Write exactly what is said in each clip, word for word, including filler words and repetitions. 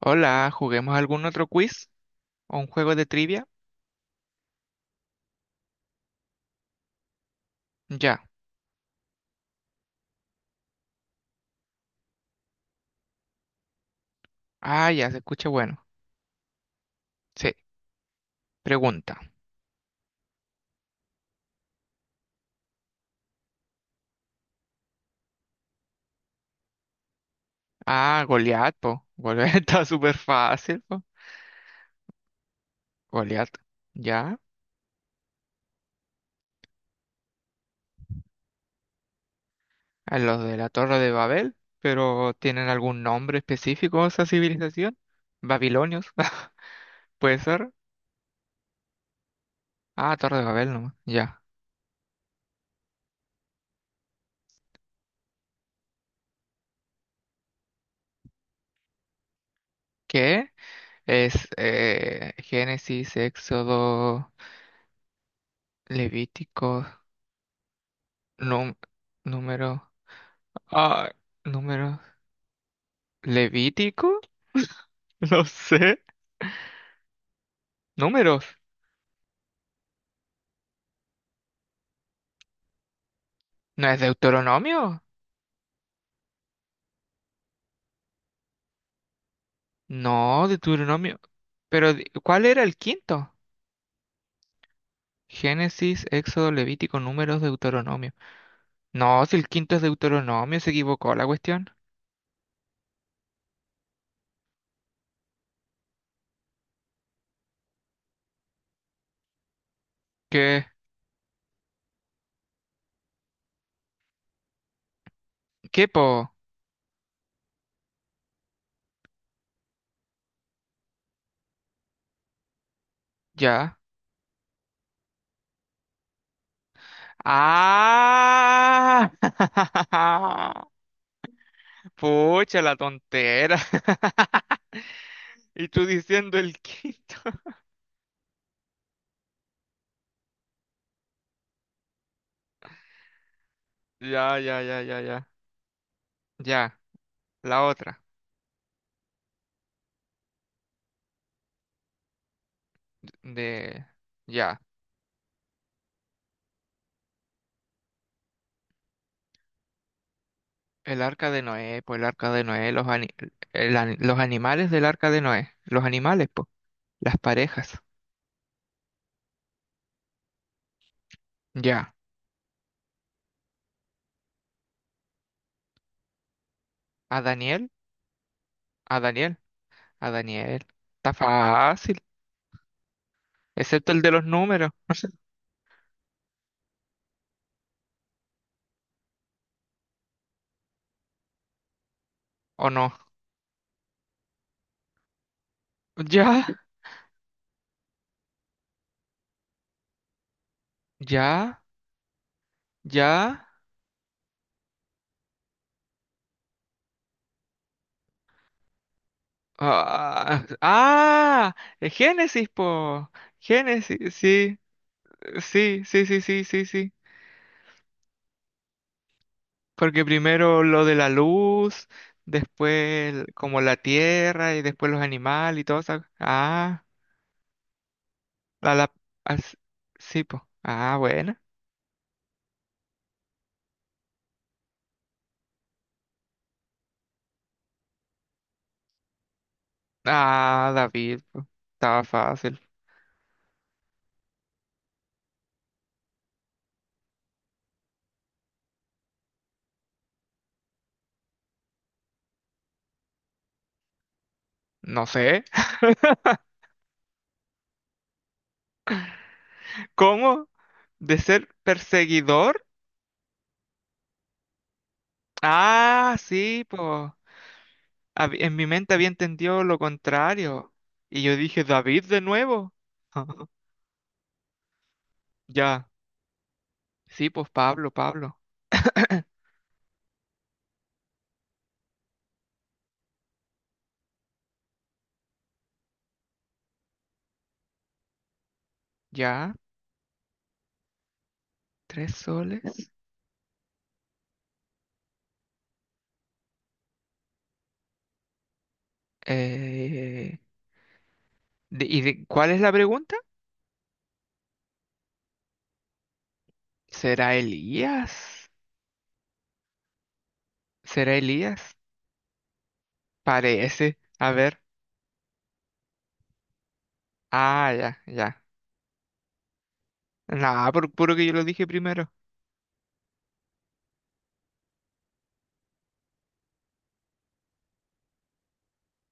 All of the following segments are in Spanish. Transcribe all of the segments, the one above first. Hola, ¿juguemos algún otro quiz o un juego de trivia? Ya. Ah, ya se escucha bueno. Sí. Pregunta. Ah, Goliat, po. Goliat está súper fácil, po. Goliat. Ya. A los de la Torre de Babel, pero ¿tienen algún nombre específico esa civilización? Babilonios. ¿Puede ser? Ah, Torre de Babel nomás. Ya. ¿Qué? Es eh, Génesis, Éxodo, Levítico, num- número. Ah, número. ¿Levítico? No sé. ¿Números? ¿No es Deuteronomio? No, Deuteronomio. Pero, di- ¿cuál era el quinto? Génesis, Éxodo, Levítico, Números, Deuteronomio. No, si el quinto es Deuteronomio, se equivocó la cuestión. ¿Qué? ¿Qué po? Ya. ¡Ah! Pucha, la tontera. Y tú diciendo el quinto. Ya, ya, ya, ya, ya. Ya, la otra. De, ya, el arca de Noé, pues el arca de Noé, los, ani- el ani- los animales del arca de Noé, los animales, pues, las parejas, ya, a Daniel, a Daniel, a Daniel, está fácil, excepto el de los números, ¿o no? Ya, ya, ya. Ah, ah, Génesis, po. Génesis, sí, sí, sí, sí, sí, sí, sí. Porque primero lo de la luz, después el- como la tierra y después los animales y todo eso. Ah, la, la, as- sí, pues. Ah, bueno. Ah, David, po. Estaba fácil. No sé. ¿Cómo? ¿De ser perseguidor? Ah, sí, pues. En mi mente había entendido lo contrario. Y yo dije, David de nuevo. Ya. Sí, pues Pablo, Pablo. Ya. Tres soles. Eh, de- ¿y de, cuál es la pregunta? ¿Será Elías? ¿Será Elías? Parece. A ver. Ah, ya, ya. Nada, por puro que yo lo dije primero.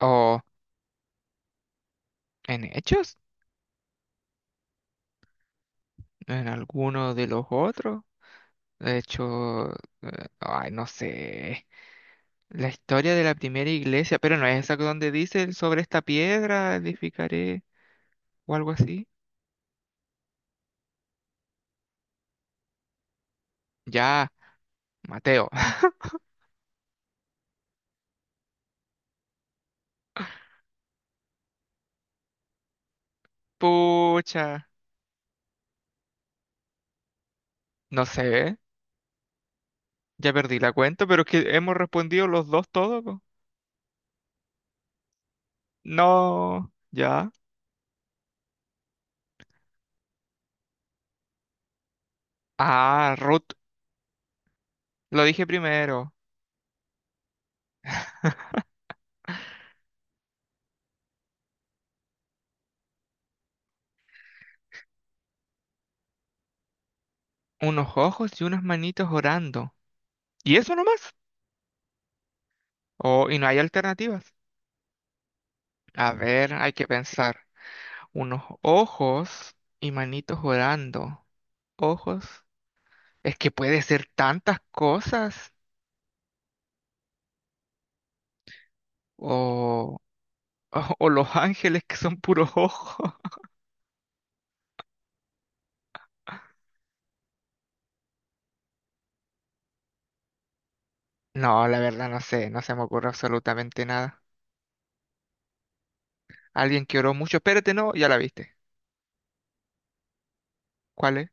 ¿O en Hechos? ¿En alguno de los otros? De hecho, eh, ay, no sé. La historia de la primera iglesia, pero no es esa que donde dice el sobre esta piedra edificaré o algo así. Ya, Mateo. Pucha, no sé. Ya perdí la cuenta, pero es que hemos respondido los dos todo, po. No, ya. Ah, Ruth, lo dije primero. Unos ojos y unas manitos orando. ¿Y eso nomás? Oh, y no hay alternativas. A ver, hay que pensar. Unos ojos y manitos orando. Ojos. Es que puede ser tantas cosas. O, o, o los ángeles que son puros ojos. No, la verdad no sé, no se me ocurre absolutamente nada. Alguien que oró mucho. Espérate, no, ya la viste. ¿Cuál es?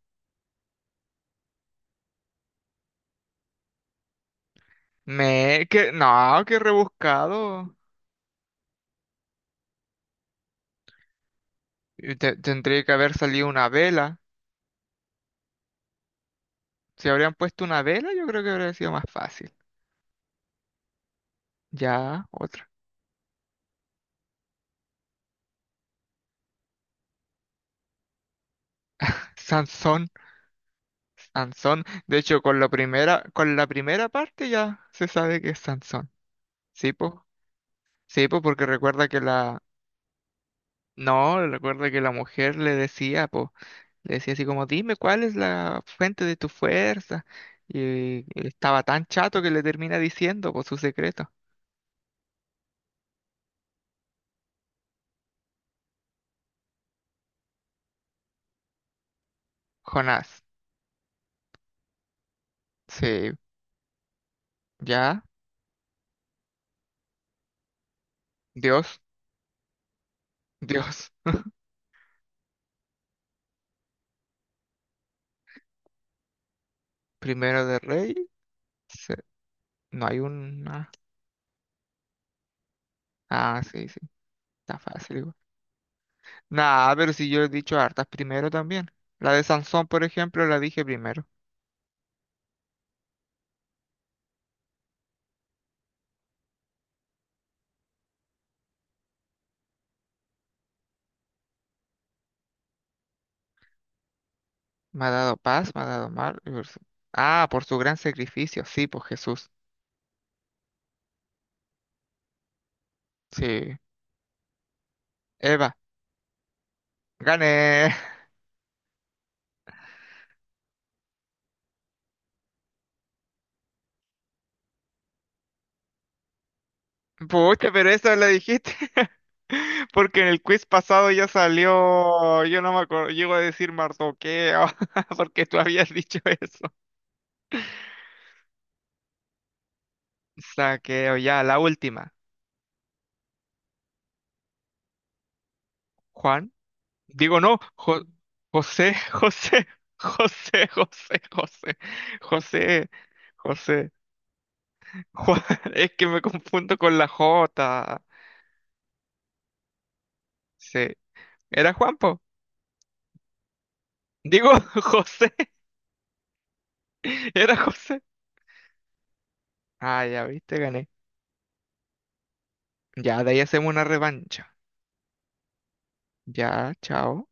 Me... Que... No, qué rebuscado. Y te- tendría que haber salido una vela. Si habrían puesto una vela, yo creo que habría sido más fácil. Ya, otra. Sansón, Sansón. De hecho, con la primera, con la primera parte ya se sabe que es Sansón. ¿Sí, po? Sí, po, porque recuerda que la... No, recuerda que la mujer le decía, po, le decía así como, dime cuál es la fuente de tu fuerza. Y él estaba tan chato que le termina diciendo, por su secreto. Jonás. Sí, ya, Dios, Dios. Primero de Rey, se- no hay una. Ah, sí, sí, está fácil igual. Nah, pero si yo he dicho hartas primero también. La de Sansón, por ejemplo, la dije primero. Me ha dado paz, me ha dado mal. Y por su- ah, por su gran sacrificio, sí, por Jesús. Sí. Eva, gané. Pucha, pero eso la dijiste. Porque en el quiz pasado ya salió, yo no me acuerdo, llego a decir mardoqueo, porque tú habías dicho eso. Saqueo, ya, la última. Juan, digo no, Jo- José, José, José, José, José, José, José, Juan, es que me confundo con la J. Sí, era Juanpo. Digo José, era José. Ah, ya viste, gané. Ya, de ahí hacemos una revancha. Ya, chao.